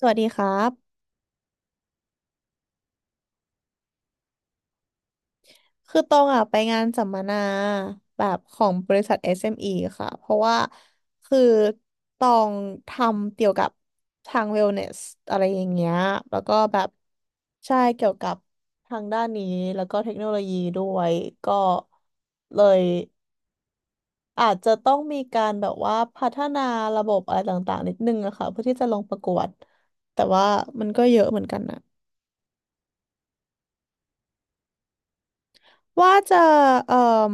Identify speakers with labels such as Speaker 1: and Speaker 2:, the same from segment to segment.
Speaker 1: สวัสดีครับคือตองอ่ะไปงานสัมมนาแบบของบริษัท SME ค่ะ เพราะว่าคือตองทำเกี่ยวกับทาง wellness อะไรอย่างเงี้ยแล้วก็แบบใช่เกี่ยวกับทางด้านนี้แล้วก็เทคโนโลยีด้วยก็เลยอาจจะต้องมีการแบบว่าพัฒนาระบบอะไรต่างๆนิดนึงอะค่ะเพื่อที่จะลงประกวดแต่ว่ามันก็เยอะเหมือนกันนะ ว่าจะเอ่อ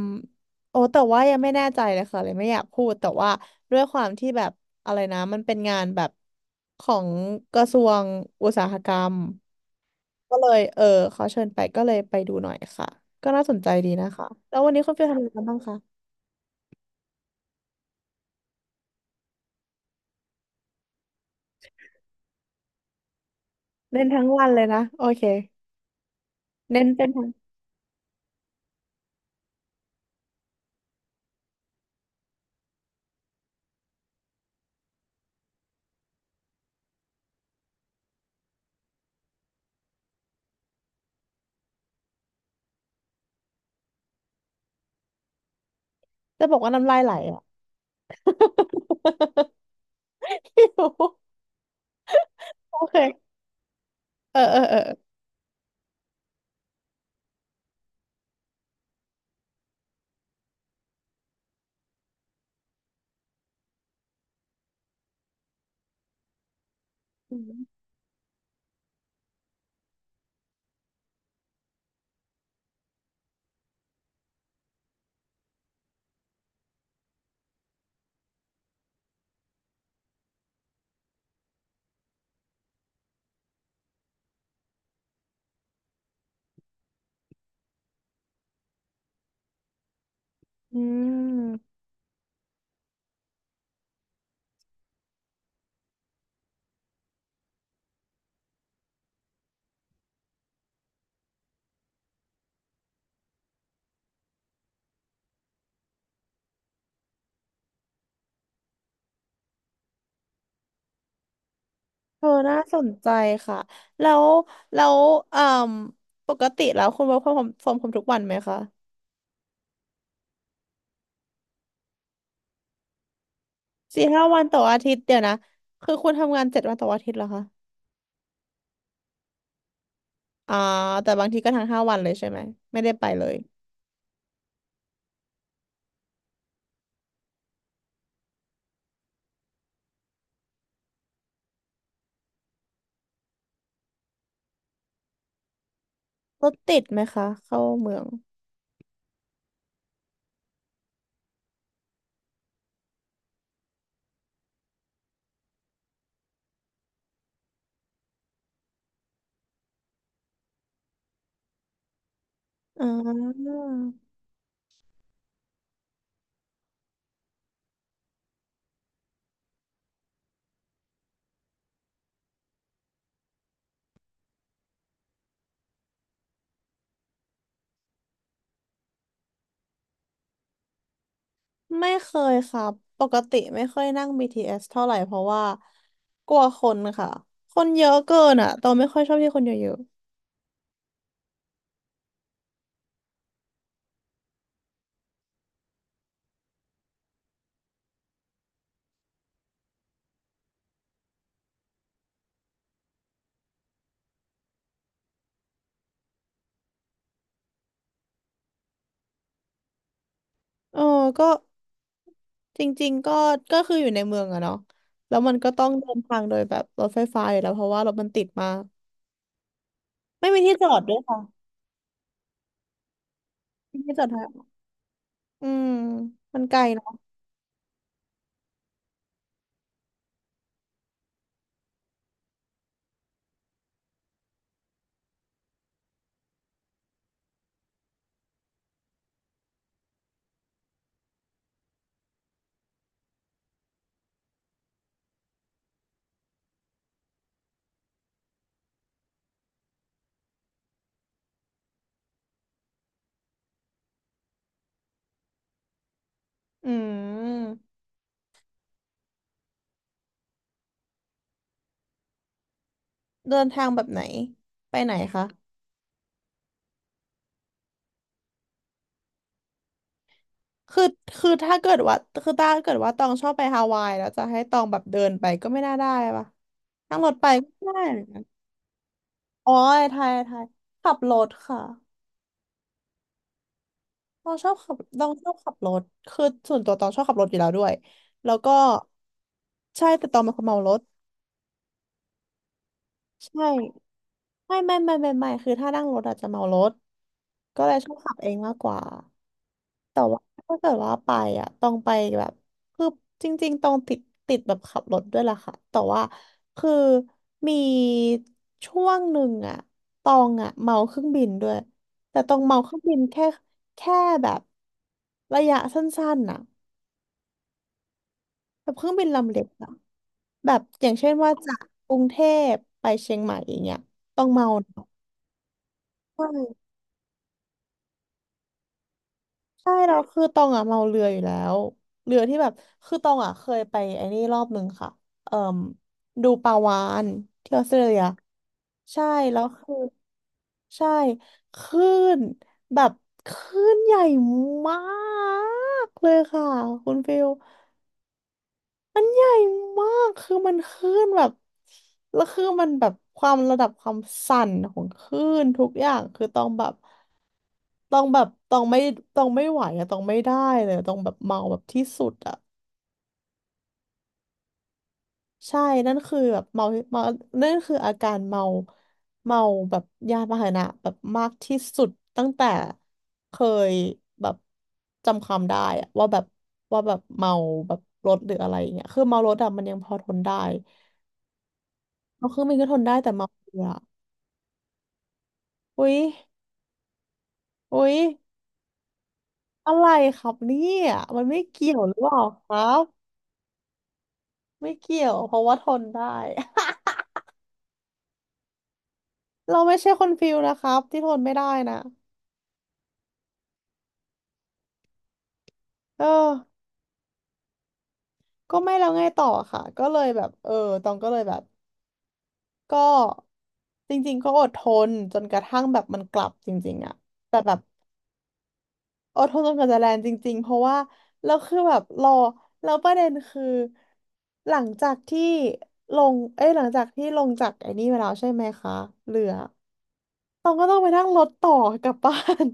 Speaker 1: โอ้แต่ว่ายังไม่แน่ใจเลยค่ะเลยไม่อยากพูดแต่ว่าด้วยความที่แบบอะไรนะมันเป็นงานแบบของกระทรวงอุตสาหกรรมก็เลยเขาเชิญไปก็เลยไปดูหน่อยค่ะก็น่าสนใจดีนะคะแล้ววันนี้คุณฟิลทำอะไรกันบ้างคะเน้นทั้งวันเลยนะโอเคเน้นเป็นทั้งจะบอกว่าน้ำลายไหลอ่ะ หิว โอเคเออเออเอออืมอืม เออน่าสนใจค่ะแล้วแล้วเอ่มปกติแล้วคุณ work from home ทุกวันไหมคะสี่ห้าวันต่ออาทิตย์เดี๋ยวนะคือคุณทำงานเจ็ดวันต่ออาทิตย์เหรอคะอ่าแต่บางทีก็ทั้งห้าวันเลยใช่ไหมไม่ได้ไปเลยรถติดไหมคะเข้าเมืองอ่าไม่เคยค่ะปกติไม่ค่อยนั่ง BTS เอสเท่าไหร่เพราะว่ากลัวคนค่ะคนเยอะเกินอ่ะตองไม่ค่อยชอบที่คนเยอะๆเออก็ จริงๆก็คืออยู่ในเมืองอะเนาะแล้วมันก็ต้องเดินทางโดยแบบรถไฟฟ้าอยู่แล้วเพราะว่ารถมันติดมากไม่มีที่จอดด้วยค่ะไม่มีที่จอดด้วยอืมมันไกลเนาะอืมเดินทางแบบไหนไปไหนคะคือคือถ้าเกิดว่าคือถ้าเกิดว่าตองชอบไปฮาวายแล้วจะให้ตองแบบเดินไปก็ไม่น่าได้ปะนั่งรถไปก็ไม่ได้เหมือนกันอ๋อไทยไทยขับรถค่ะ ตองชอบขับตองชอบขับรถคือส่วนตัวตองชอบขับรถอยู่แล้วด้วยแล้วก็ใช่แต่ตองเป็นคนเมารถใช่ไม่คือถ้านั่งรถอาจจะเมารถก็เลยชอบขับเองมากกว่าแต่ว่าถ้าเกิดว่าไปอ่ะต้องไปแบบคือจริงๆต้องติดติดแบบขับรถด้วยล่ะค่ะแต่ว่าคือมีช่วงหนึ่งอ่ะตองอ่ะเมาเครื่องบินด้วยแต่ตองเมาเครื่องบินแค่แบบระยะสั้นๆน่ะ แบบเครื่องบินลำเล็กอะแบบอย่างเช่นว่าจากกรุงเทพไปเชียงใหม่อย่างเงี้ยต้องเมาใช่ใช่เราคือตองอะเมาเรืออยู่แล้วเรือที่แบบคือตองอะเคยไปไอ้นี่รอบหนึ่งค่ะเอ่มดูปลาวาฬที่ออสเตรเลียใช่แล้วคือใช่คลื่นแบบคลื่นใหญ่มากเลยค่ะคุณฟิล มันใหญ่มากคือมันคลื่นแบบแล้วคือมันแบบความระดับความสั่นของคลื่นทุกอย่างคือต้องแบบ ต้องไม่ไหวอะต้องไม่ได้เลยอะต้องแบบเมาแบบที่สุดอะใช่ นั่นคือแบบเมานั่นคืออาการเมาแบบยานพาหนะแบบมากที่สุดตั้งแต่เคยแบบจำความได้อะว่าแบบเมาแบบรถหรืออะไรอย่างเงี้ยคือเมารถอะมันยังพอทนได้ เอาเครื่องบินก็ทนได้แต่เมาเรืออุ๊ยอุ๊ยอะไรครับเนี่ยมันไม่เกี่ยวหรือเปล่าครับ ไม่เกี่ยวเพราะว่าทนได้ เราไม่ใช่คนฟิลนะครับที่ทนไม่ได้นะเออก็ไม่แล้วไงต่อค่ะ ก็เลยแบบเออตองก็เลยแบบก็จริงๆก็อดทนจนกระทั่งแบบมันกลับจริงๆอะแต่แบบ อดทนจนกว่าจะแลนด์จริงๆ เพราะว่าเราคือแบบรอแล้วประเด็นคือหลังจากที่ลงเอ้ยหลังจากที่ลงจากไอ้นี่มาแล้วใช่ไหมคะเรือตองก็ต้องไปนั่งรถต่อกลับบ้าน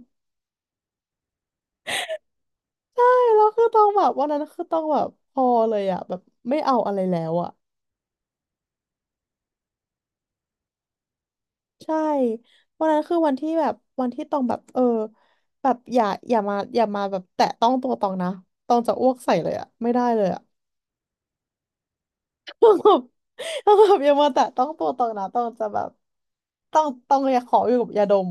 Speaker 1: ใช่แล้วคือตองแบบวันนั้นคือตองแบบพอเลยอะแบบไม่เอาอะไรแล้วอะใช่วันนั้นคือวันที่แบบวันที่ตองแบบเออแบบอย่ามาแบบแตะต้องตัวตองนะตองจะอ้วกใส่เลยอะไม่ได้เลยอะ ต้องแบบต้องแบบอยามาแตะต้องตัวตรงนะต้องจะแบบต้องอยากขออยู่กับยาดม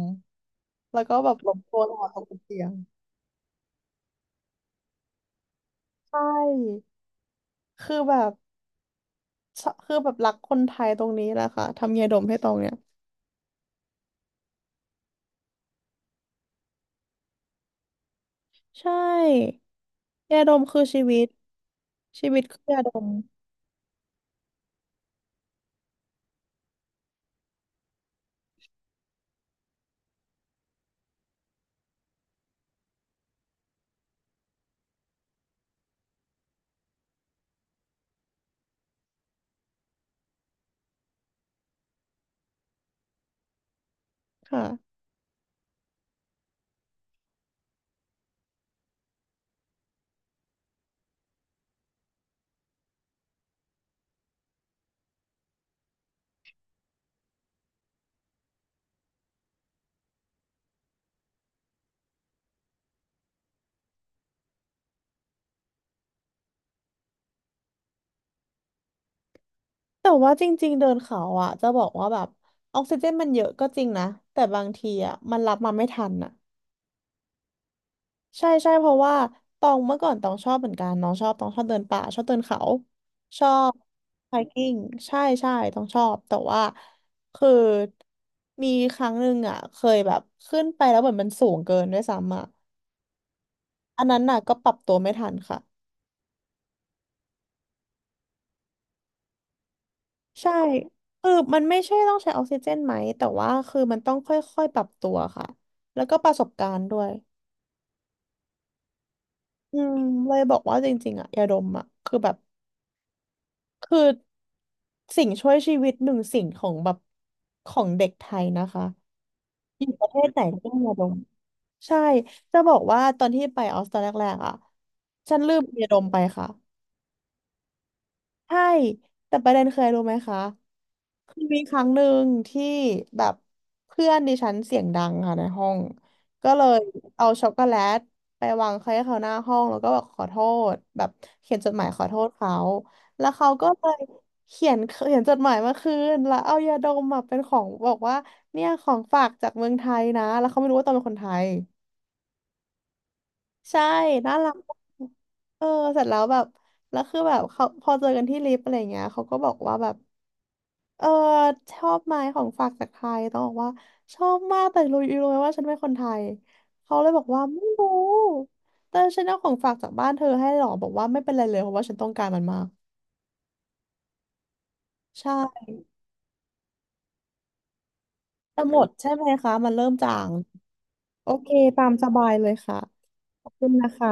Speaker 1: แล้วก็แบบหลบตัวตลอดกเตียงใช่คือแบบชอคือแบบรักคนไทยตรงนี้แหละค่ะทำยาดมให้ตรงเนี่ยใช่ยาดมคือชีวิตชีวิตคือยาดมค่ะแต่ว่าจริงๆเดินเขาอ่ะจะบอกว่าแบบออกซิเจนมันเยอะก็จริงนะแต่บางทีอ่ะมันรับมาไม่ทันอ่ะ ใช่เพราะว่าตองเมื่อก่อนตองชอบเหมือนกันน้องชอบตองชอบเดินป่าชอบเดินเขาชอบไฮกิ้งใช่ตองชอบแต่ว่าคือมีครั้งหนึ่งอ่ะเคยแบบขึ้นไปแล้วเหมือนมันสูงเกินด้วยซ้ำอ่ะอันนั้นน่ะก็ปรับตัวไม่ทันค่ะใช่คือมันไม่ใช่ต้องใช้ออกซิเจนไหมแต่ว่าคือมันต้องค่อยๆปรับตัวค่ะแล้วก็ประสบการณ์ด้วยอืมเลยบอกว่าจริงๆอ่ะยาดมอ่ะคือแบบ คือสิ่งช่วยชีวิตหนึ่งสิ่งของแบบของเด็กไทยนะคะอยู่ประเทศไหนก็ต้องมียาดมใช่จะบอกว่าตอนที่ไปออสตอนแรกๆอ่ะฉันลืมยาดมไปค่ะ ใช่แต่ประเด็นเคยรู้ไหมคะคือมีครั้งหนึ่งที่แบบเพื่อนดิฉันเสียงดังค่ะในห้องก็เลยเอาช็อกโกแลตไปวางให้เขาหน้าห้องแล้วก็บอกขอโทษแบบเขียนจดหมายขอโทษเขาแล้วเขาก็เลยเขียนจดหมายมาคืนแล้วเอายาดมมาเป็นของบอกว่าเนี่ยของฝากจากเมืองไทยนะแล้วเขาไม่รู้ว่าตอนเป็นคนไทย ใช่น่ารักเออเสร็จแล้วแบบแล้วคือแบบเขาพอเจอกันที่ลิฟต์อะไรเงี้ยเขาก็บอกว่าแบบ เออชอบไหมของฝากจากไทยต้องบอกว่าชอบมากแต่รู้อยู่รู้ไหมว่าฉันเป็นคนไทยเขาเลยบอกว่าไม่รู้แต่ฉันเอาของฝากจากบ้านเธอให้หรอบอกว่าไม่เป็นไรเลยเพราะว่าฉันต้องการมันมากใช่จะหมดใช่ไหมคะมันเริ่มจางโอเคตามสบายเลยค่ะขอบคุณนะคะ